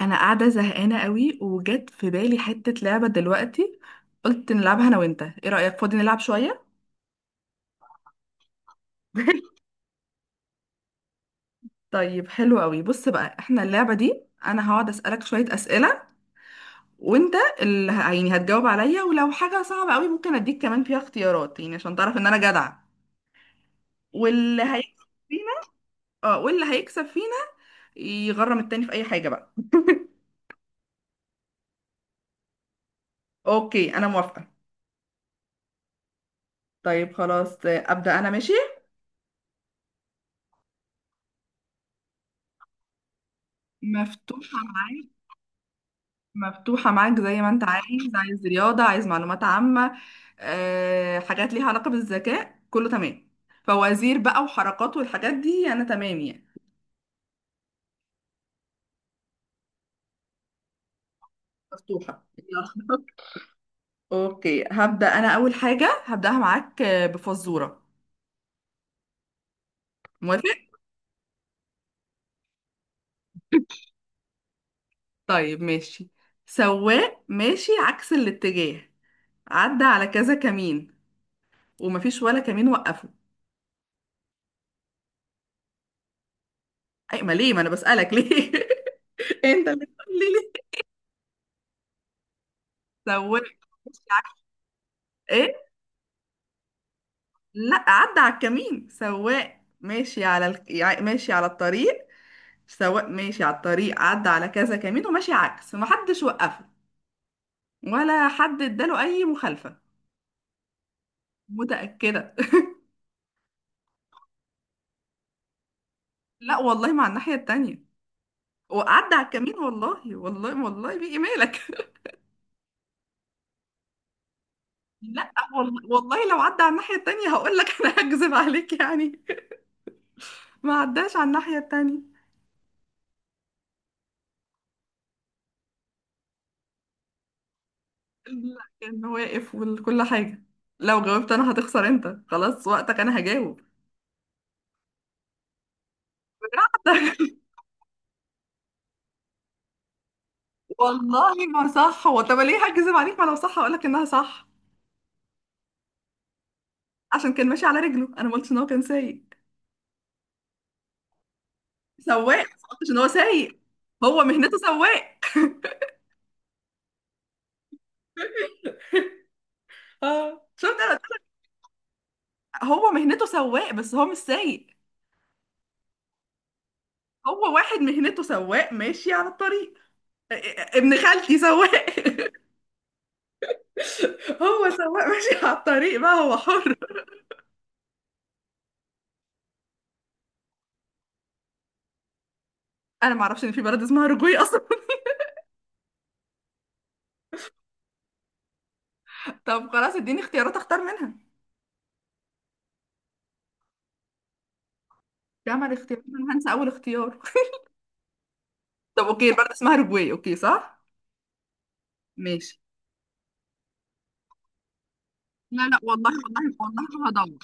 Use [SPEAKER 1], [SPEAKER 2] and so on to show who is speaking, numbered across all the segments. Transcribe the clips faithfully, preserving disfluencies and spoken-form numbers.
[SPEAKER 1] انا قاعده زهقانه قوي، وجت في بالي حته لعبه دلوقتي. قلت نلعبها انا وانت، ايه رايك؟ فاضي نلعب شويه؟ طيب حلو قوي، بص بقى احنا اللعبه دي انا هقعد اسالك شويه اسئله، وانت اللي ه- يعني هتجاوب عليا، ولو حاجه صعبه قوي ممكن اديك كمان فيها اختيارات يعني عشان تعرف ان انا جدعه. واللي هيكسب فينا، اه، واللي هيكسب فينا يغرم التاني في اي حاجه بقى. اوكي انا موافقه. طيب خلاص، آه، ابدا انا ماشي. مفتوحه معايا. مفتوحة معاك زي ما انت عايز. عايز رياضة، عايز معلومات عامة، أه، حاجات ليها علاقة بالذكاء، كله تمام. فوازير بقى وحركات والحاجات دي انا تمام يعني. مفتوحة يلا. اوكي هبدأ. انا اول حاجة هبدأها معاك آه، بفزورة. موافق. طيب ماشي. سواق ماشي عكس الاتجاه، عدى على كذا كمين، ومفيش ولا كمين وقفه. اي ما ليه؟ ما انا بسألك ليه. انت اللي بتقول لي ليه. سواق ماشي عكس، ايه؟ لا عدى على الكمين، سواق ماشي على الك... يع- ماشي على الطريق. سواق ماشي على الطريق، عدى على كذا كمين وماشي عكس، محدش وقفه ولا حد اداله اي مخالفة. متأكدة. لا والله مع الناحية التانية، وعدى على الكمين، والله والله والله بيجي مالك. لا والله والله، لو عدى على الناحية التانية هقول لك. انا هكذب عليك يعني؟ ما عداش على الناحية التانية. لا كان واقف وكل حاجة. لو جاوبت انا هتخسر انت، خلاص وقتك، انا هجاوب. والله ما صح هو، طب ليه هكذب عليك؟ ما لو صح هقول لك انها صح. عشان كان ماشي على رجله، انا ما قلتش ان هو كان سايق، سواق. ما قلتش ان هو سايق، هو مهنته سواق. اه، شفت انا؟ هو مهنته سواق بس هو مش سايق. هو واحد مهنته سواق ماشي على الطريق. ا- ا- ابن خالتي سواق. هو سواق ماشي على الطريق بقى، هو حر. انا ما اعرفش ان في بلد اسمها رجوي اصلا. طب خلاص اديني اختيارات اختار منها. جمع الاختيارات، انا هنسى اول اختيار. طب اوكي، البلد اسمها رجوي، اوكي صح. ماشي. لا، لا والله والله والله ما هدور.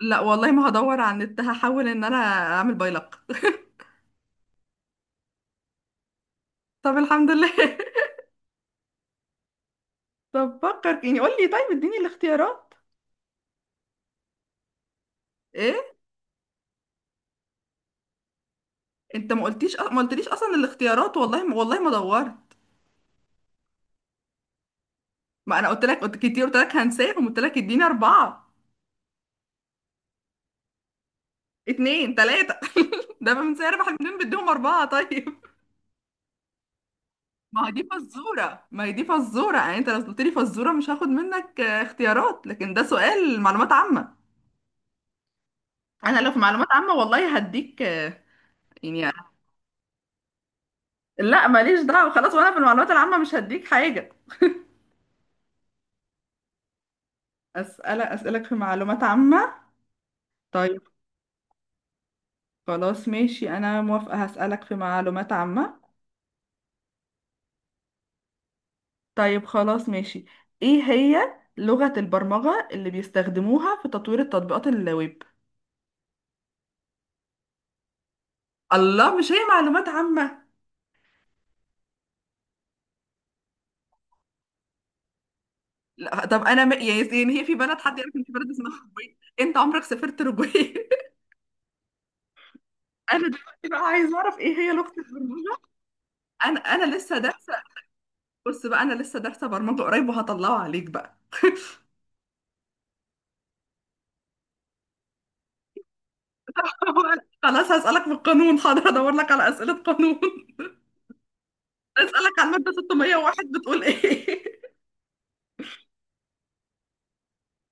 [SPEAKER 1] لا والله ما هدور على النت، هحاول ان انا اعمل بايلق. طب الحمد لله. طب فكر يعني قول لي. طيب اديني الاختيارات. ايه؟ انت ما قلتيش أ- ما قلتليش اصلا الاختيارات، والله ما والله ما دورت. ما انا قلت لك، قلت كتير، قلت لك هنساهم، قلت لك اديني اربعة، اتنين، تلاتة. ده من سعر اربح منين بديهم اربعة؟ طيب. ما هي دي فزورة، ما هي دي فزورة يعني. انت لو قلت لي فزورة مش هاخد منك آه، اختيارات، لكن ده سؤال معلومات عامة. انا لو في معلومات عامة والله هديك يعني. لا ماليش دعوة خلاص، وانا في المعلومات العامة مش هديك حاجة. أسألك، أسألك في معلومات عامة. طيب خلاص ماشي، أنا موافقة، هسألك في معلومات عامة. طيب خلاص ماشي. إيه هي لغة البرمجة اللي بيستخدموها في تطوير التطبيقات الويب؟ الله، مش هي معلومات عامة؟ لا طب أنا م... يعني يعني هي في بلد حد يعرف إن في بلد اسمها أوروجواي؟ أنت عمرك سافرت أوروجواي؟ أنا دلوقتي بقى عايز أعرف إيه هي لغة البرمجة. أنا أنا لسه ده. بص بقى، انا لسه دارسه برمجه قريب وهطلعه عليك بقى. خلاص هسألك في القانون، حاضر ادور لك على اسئله قانون. اسألك على الماده ستمية وواحد بتقول ايه؟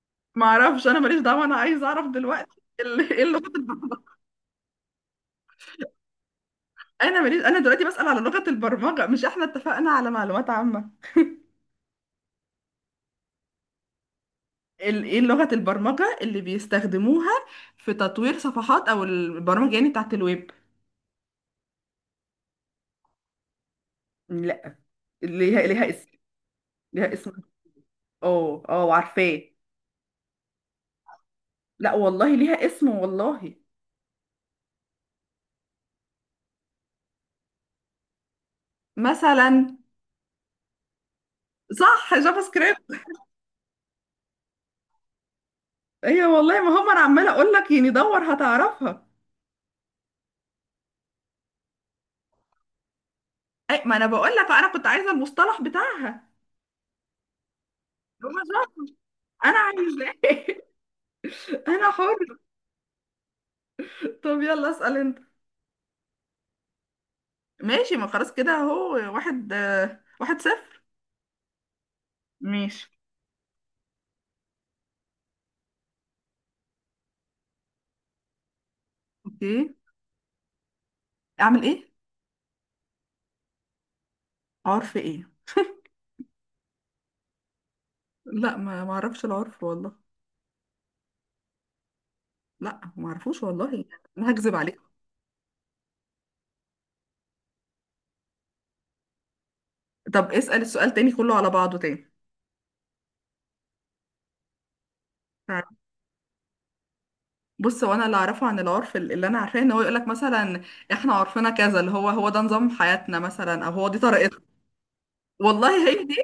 [SPEAKER 1] معرفش، انا ماليش دعوه، انا عايز اعرف دلوقتي ال- ايه لغه البرمجه. انا ماليش، انا دلوقتي بسأل على لغه البرمجه. مش احنا اتفقنا على معلومات عامه؟ ال- ايه لغه البرمجه اللي بيستخدموها في تطوير صفحات او البرامج يعني، بتاعت الويب. لا، ليها ليها اسم. ليها اسم. اه، اه، عارفاه. لا والله ليها اسم والله. مثلا. صح، جافا سكريبت. ايوه والله، ما هم انا عماله اقول لك يعني دور هتعرفها. اي ما انا بقول لك، انا كنت عايزه المصطلح بتاعها. هما جافا، انا عايزاه. انا حر. طب يلا اسال انت. ماشي، ما خلاص كده اهو، واحد آه، واحد صفر. ماشي. اوكي. اعمل ايه؟ عرف ايه؟ لا، ما ما اعرفش العرف والله. لا ما اعرفوش والله، انا هكذب عليك. طب اسأل السؤال تاني كله على بعضه تاني. بص، هو انا اللي اعرفه عن العرف، ال- اللي انا عارفاه ان هو يقولك مثلا احنا عرفنا كذا، اللي هو هو ده نظام حياتنا مثلا او هو دي طريقتنا. والله هي دي.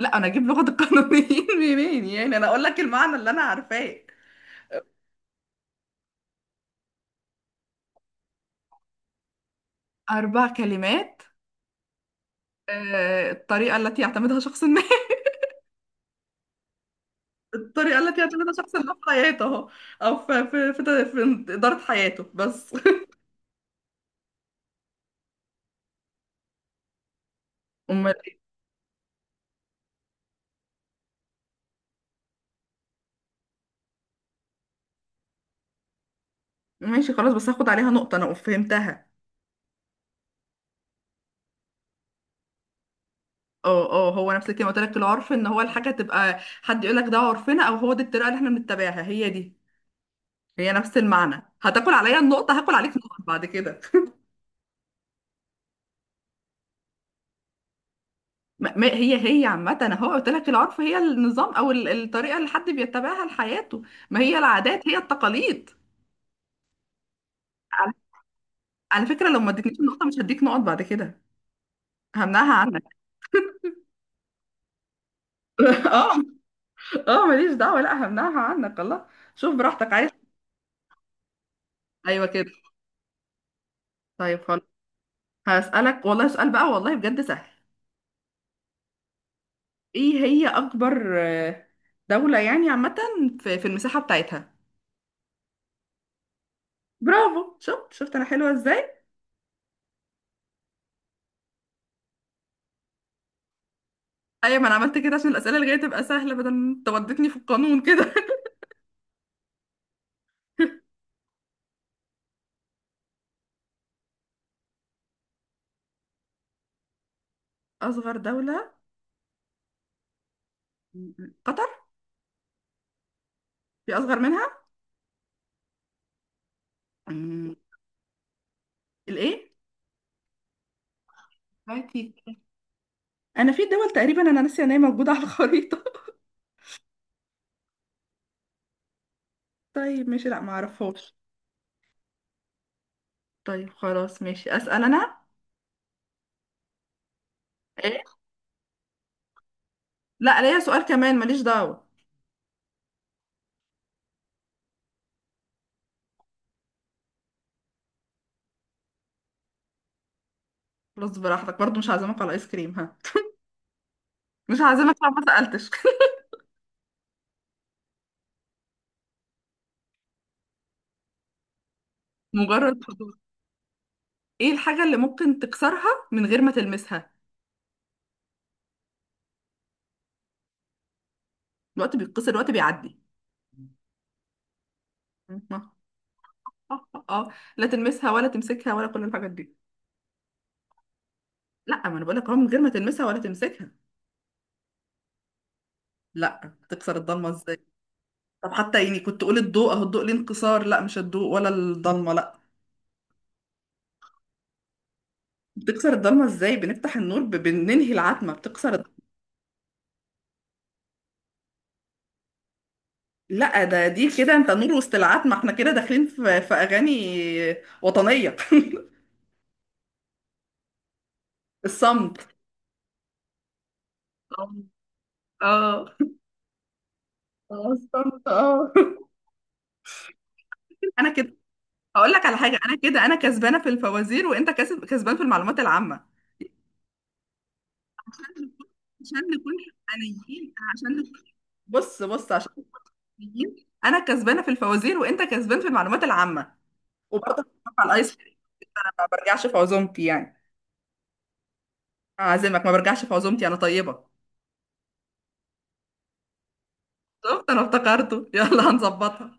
[SPEAKER 1] لا انا اجيب لغة القانونيين منين يعني؟ انا اقول لك المعنى اللي انا عارفاه. اربع كلمات. آه، الطريقة التي يعتمدها شخص ما. الطريقة التي يعتمدها شخص ما في حياته اهو، او في في في, في إدارة حياته بس. أمال إيه؟ ماشي خلاص، بس هاخد عليها نقطة، انا فهمتها. اه، اه، هو نفس الكلمه. قلت لك العرف ان هو الحاجه، تبقى حد يقول لك ده عرفنا او هو دي الطريقه اللي احنا بنتبعها. هي دي، هي نفس المعنى. هتاكل عليا النقطه؟ هاكل عليك نقط بعد كده. ما ما- هي هي عامه. انا هو قلت لك العرف هي النظام او ال- الطريقه اللي حد بيتبعها لحياته. ما هي العادات هي التقاليد. على على فكره لو ما ادتنيش النقطه مش هديك نقط بعد كده. همنعها عنك. اه، اه ماليش دعوه. لا همنعها عنك، الله. شوف براحتك عايز. ايوه كده. طيب خلاص. هسألك والله سؤال بقى والله بجد سهل. ايه هي اكبر آه، دولة يعني عامة في في المساحة بتاعتها؟ برافو، شفت، شفت انا حلوة ازاي. ايوه، ما انا عملت كده عشان الاسئلة اللي جاية تبقى سهلة، بدل ما انت ودتني في القانون كده. اصغر دولة؟ قطر. في اصغر منها؟ أمم، الايه؟ باتي. انا في دول تقريبا انا ناسيه ان هي موجودة على الخريطة. طيب ماشي، لا ما اعرفهاش. طيب خلاص ماشي، اسأل انا. ايه؟ لا ليا سؤال كمان ماليش دعوة. خلاص براحتك، برضو مش هعزمك على ايس كريم، ها. مش هعزمك لو ما سألتش. مجرد. ايه الحاجة اللي ممكن تكسرها من غير ما تلمسها؟ الوقت بيتكسر؟ الوقت بيعدي. اه. اه. آه. لا تلمسها ولا تمسكها ولا كل الحاجات دي. لا ما انا بقول لك اهو من غير ما تلمسها ولا تمسكها. لا تكسر الضلمة ازاي؟ طب حتى يعني كنت تقول الضوء، اهو الضوء ليه انكسار. لا مش الضوء ولا الضلمة، لا. بتكسر الضلمة ازاي؟ بنفتح النور، ب- بننهي العتمة، بتكسر الضلمة. لا ده دي كده انت نور وسط العتمة، احنا كده داخلين في, في اغاني وطنية. الصمت. اه. اه، الصمت، اه. انا كده، هقول لك على حاجه. انا كده انا كسبانه في الفوازير، وانت كسب كسبان في المعلومات العامه. عشان نكون حقانيين عشان نكون- بص، بص، عشان نكون حقانيين. انا كسبانه في الفوازير، وانت كسبان في المعلومات العامه. وبرضه هتعرف على الايس كريم. انا ما برجعش في عزومتي يعني، اعزمك. ما برجعش في عزومتي، انا طيبه. شفت انا افتكرته، يلا هنظبطها.